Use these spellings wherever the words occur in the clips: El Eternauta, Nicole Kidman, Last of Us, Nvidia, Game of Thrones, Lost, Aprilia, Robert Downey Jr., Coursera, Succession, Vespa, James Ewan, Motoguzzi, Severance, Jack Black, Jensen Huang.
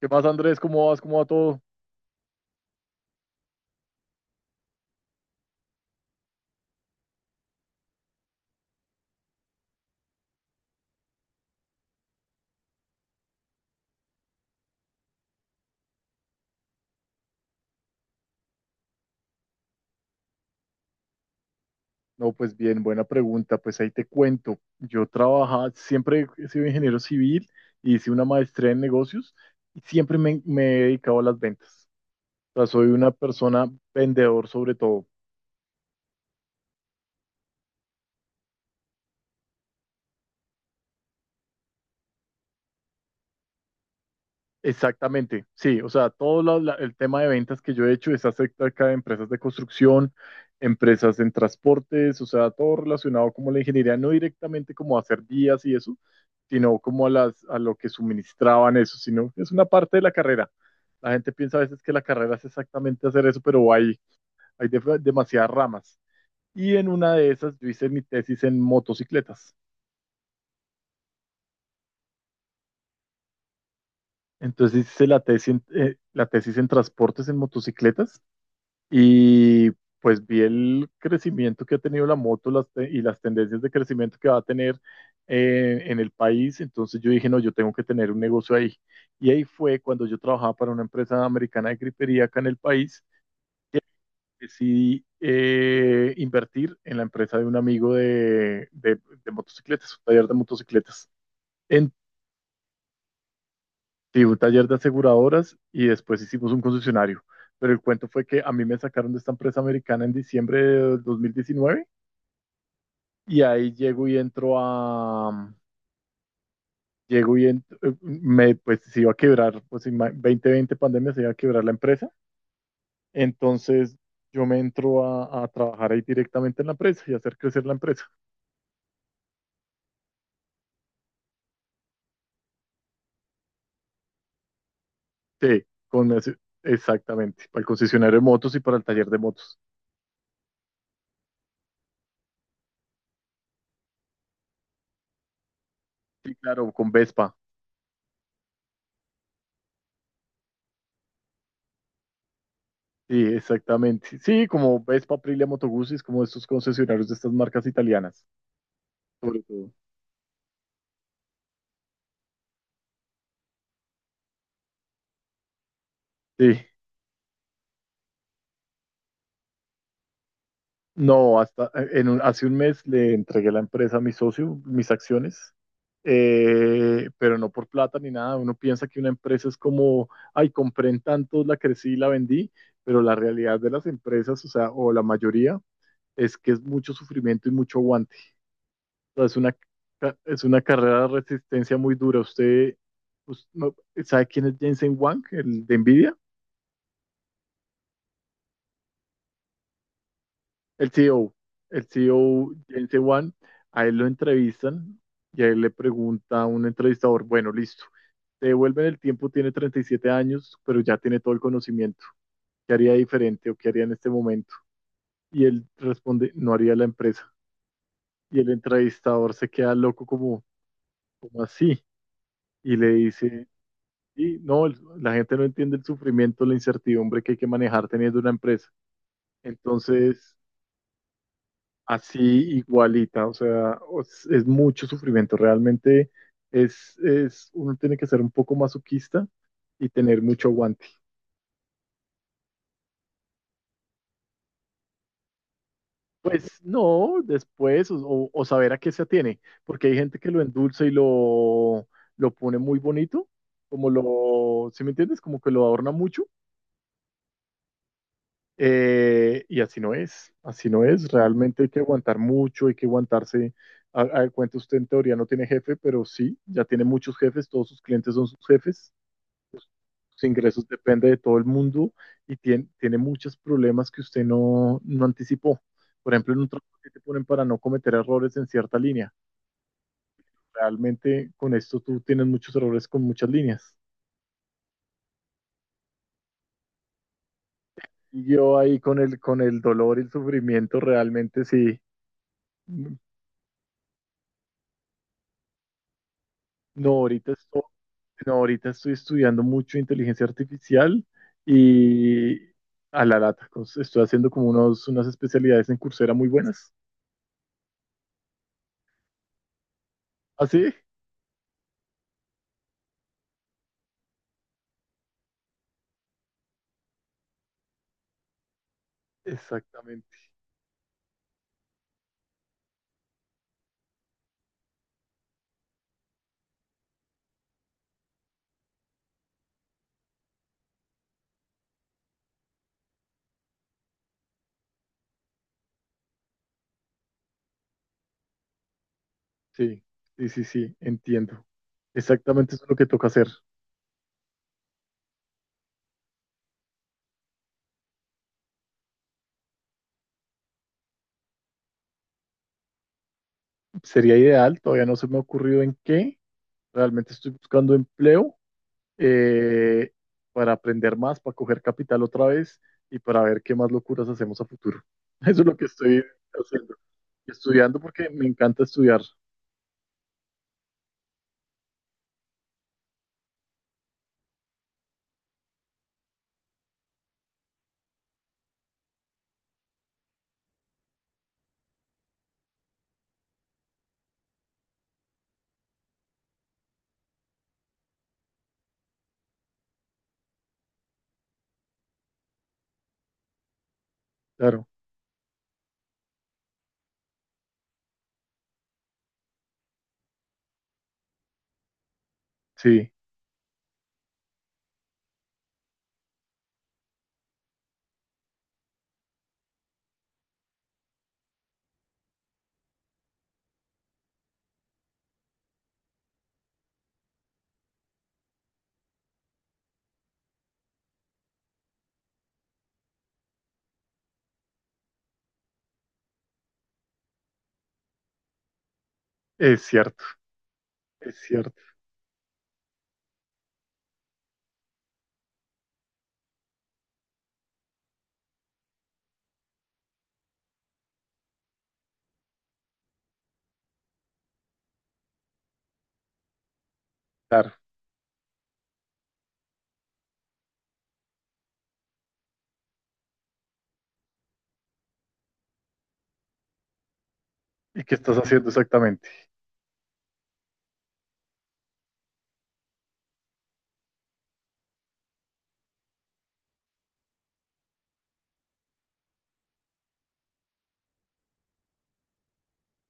¿Qué más, Andrés? ¿Cómo vas? ¿Cómo va todo? No, pues bien, buena pregunta. Pues ahí te cuento. Yo trabajaba, siempre he sido ingeniero civil, hice una maestría en negocios y siempre me he dedicado a las ventas. O sea, soy una persona vendedor sobre todo. Exactamente, sí, o sea, el tema de ventas que yo he hecho es acerca de empresas de construcción, empresas en transportes, o sea, todo relacionado como la ingeniería, no directamente como a hacer vías y eso, sino como a a lo que suministraban eso, sino es una parte de la carrera. La gente piensa a veces que la carrera es exactamente hacer eso, pero hay demasiadas ramas. Y en una de esas yo hice mi tesis en motocicletas. Entonces hice la tesis en transportes en motocicletas. Y pues vi el crecimiento que ha tenido la moto las te- y las tendencias de crecimiento que va a tener en el país. Entonces yo dije, no, yo tengo que tener un negocio ahí. Y ahí fue cuando yo trabajaba para una empresa americana de gripería acá en el país. Decidí invertir en la empresa de un amigo de motocicletas, un taller de motocicletas. En sí, un taller de aseguradoras y después hicimos un concesionario. Pero el cuento fue que a mí me sacaron de esta empresa americana en diciembre de 2019 y ahí llego y entro a, mm, llego y ent- me, pues se iba a quebrar, 2020 pandemia, se iba a quebrar la empresa, entonces yo me entro a trabajar ahí directamente en la empresa y hacer crecer la empresa. Sí, con ese- exactamente, para el concesionario de motos y para el taller de motos. Sí, claro, con Vespa. Sí, exactamente. Sí, como Vespa, Aprilia, Motoguzzi, es como estos concesionarios de estas marcas italianas, sobre todo. Sí. No, hasta hace un mes le entregué la empresa a mi socio, mis acciones, pero no por plata ni nada. Uno piensa que una empresa es como, ay, compré en tantos, la crecí y la vendí, pero la realidad de las empresas, o sea, o la mayoría, es que es mucho sufrimiento y mucho aguante. O sea, es una carrera de resistencia muy dura. Usted, us- no- ¿Sabe quién es Jensen Huang, el de Nvidia? El CEO, el CEO James Ewan, a él lo entrevistan y a él le pregunta a un entrevistador, bueno, listo, te devuelven el tiempo, tiene 37 años, pero ya tiene todo el conocimiento. ¿Qué haría diferente o qué haría en este momento? Y él responde, no haría la empresa. Y el entrevistador se queda loco como, como así, y le dice, sí, no, la gente no entiende el sufrimiento, la incertidumbre que hay que manejar teniendo una empresa. Entonces, así igualita, o sea, es, mucho sufrimiento, realmente uno tiene que ser un poco masoquista y tener mucho aguante. Pues no, después, o saber a qué se atiene, porque hay gente que lo endulza y lo pone muy bonito, como lo, ¿sí me entiendes? Como que lo adorna mucho, y así no es, realmente hay que aguantar mucho, hay que aguantarse. A Cuenta usted en teoría no tiene jefe, pero sí, ya tiene muchos jefes, todos sus clientes son sus jefes. Sus ingresos depende de todo el mundo y tiene muchos problemas que usted no anticipó. Por ejemplo, en un trabajo que te ponen para no cometer errores en cierta línea. Realmente con esto tú tienes muchos errores con muchas líneas. Y yo ahí con con el dolor y el sufrimiento realmente sí. No, ahorita estoy, no, ahorita estoy estudiando mucho inteligencia artificial y a la lata. Pues, estoy haciendo como unas especialidades en Coursera muy buenas. ¿Ah, sí? Exactamente. Sí, sí, sí, sí, entiendo. Exactamente eso es lo que toca hacer. Sería ideal, todavía no se me ha ocurrido en qué. Realmente estoy buscando empleo, eh, para aprender más, para coger capital otra vez y para ver qué más locuras hacemos a futuro. Eso es lo que estoy haciendo. Estudiando porque me encanta estudiar. Claro, sí, es cierto, es cierto. Claro. ¿Y qué estás haciendo exactamente?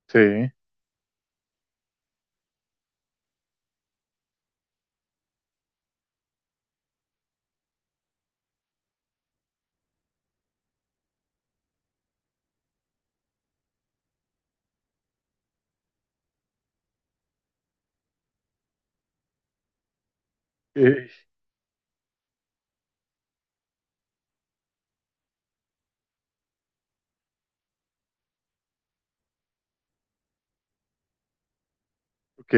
Sí, eh, ok,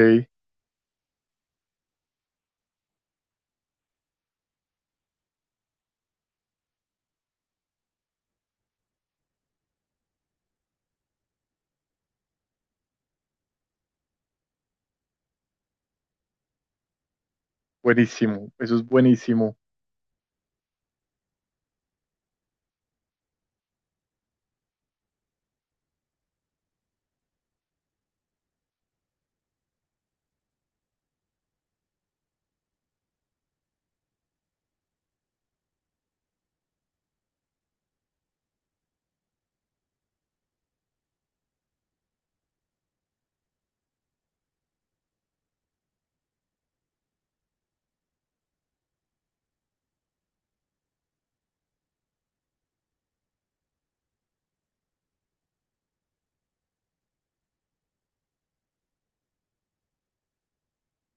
buenísimo, eso es buenísimo.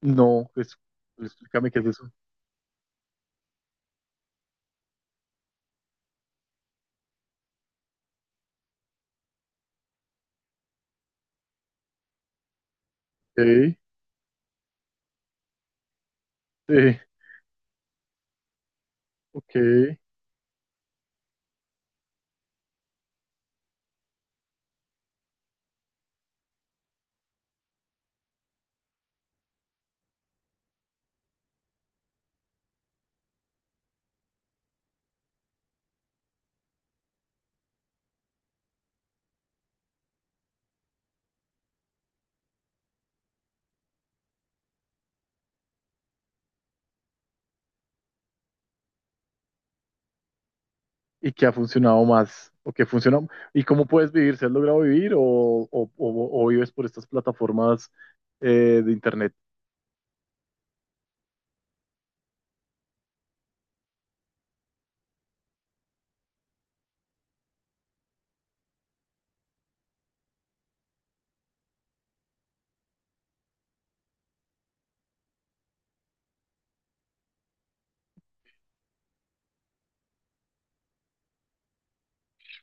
No, pues explícame qué es eso. Ok, sí, ok. ¿Y qué ha funcionado más? ¿O qué funciona? ¿Y cómo puedes vivir? ¿Se has logrado vivir o, o vives por estas plataformas de internet?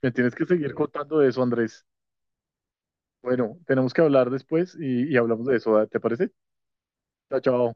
Me tienes que seguir contando de eso, Andrés. Bueno, tenemos que hablar después y hablamos de eso, ¿vale? ¿Te parece? Chao, chao.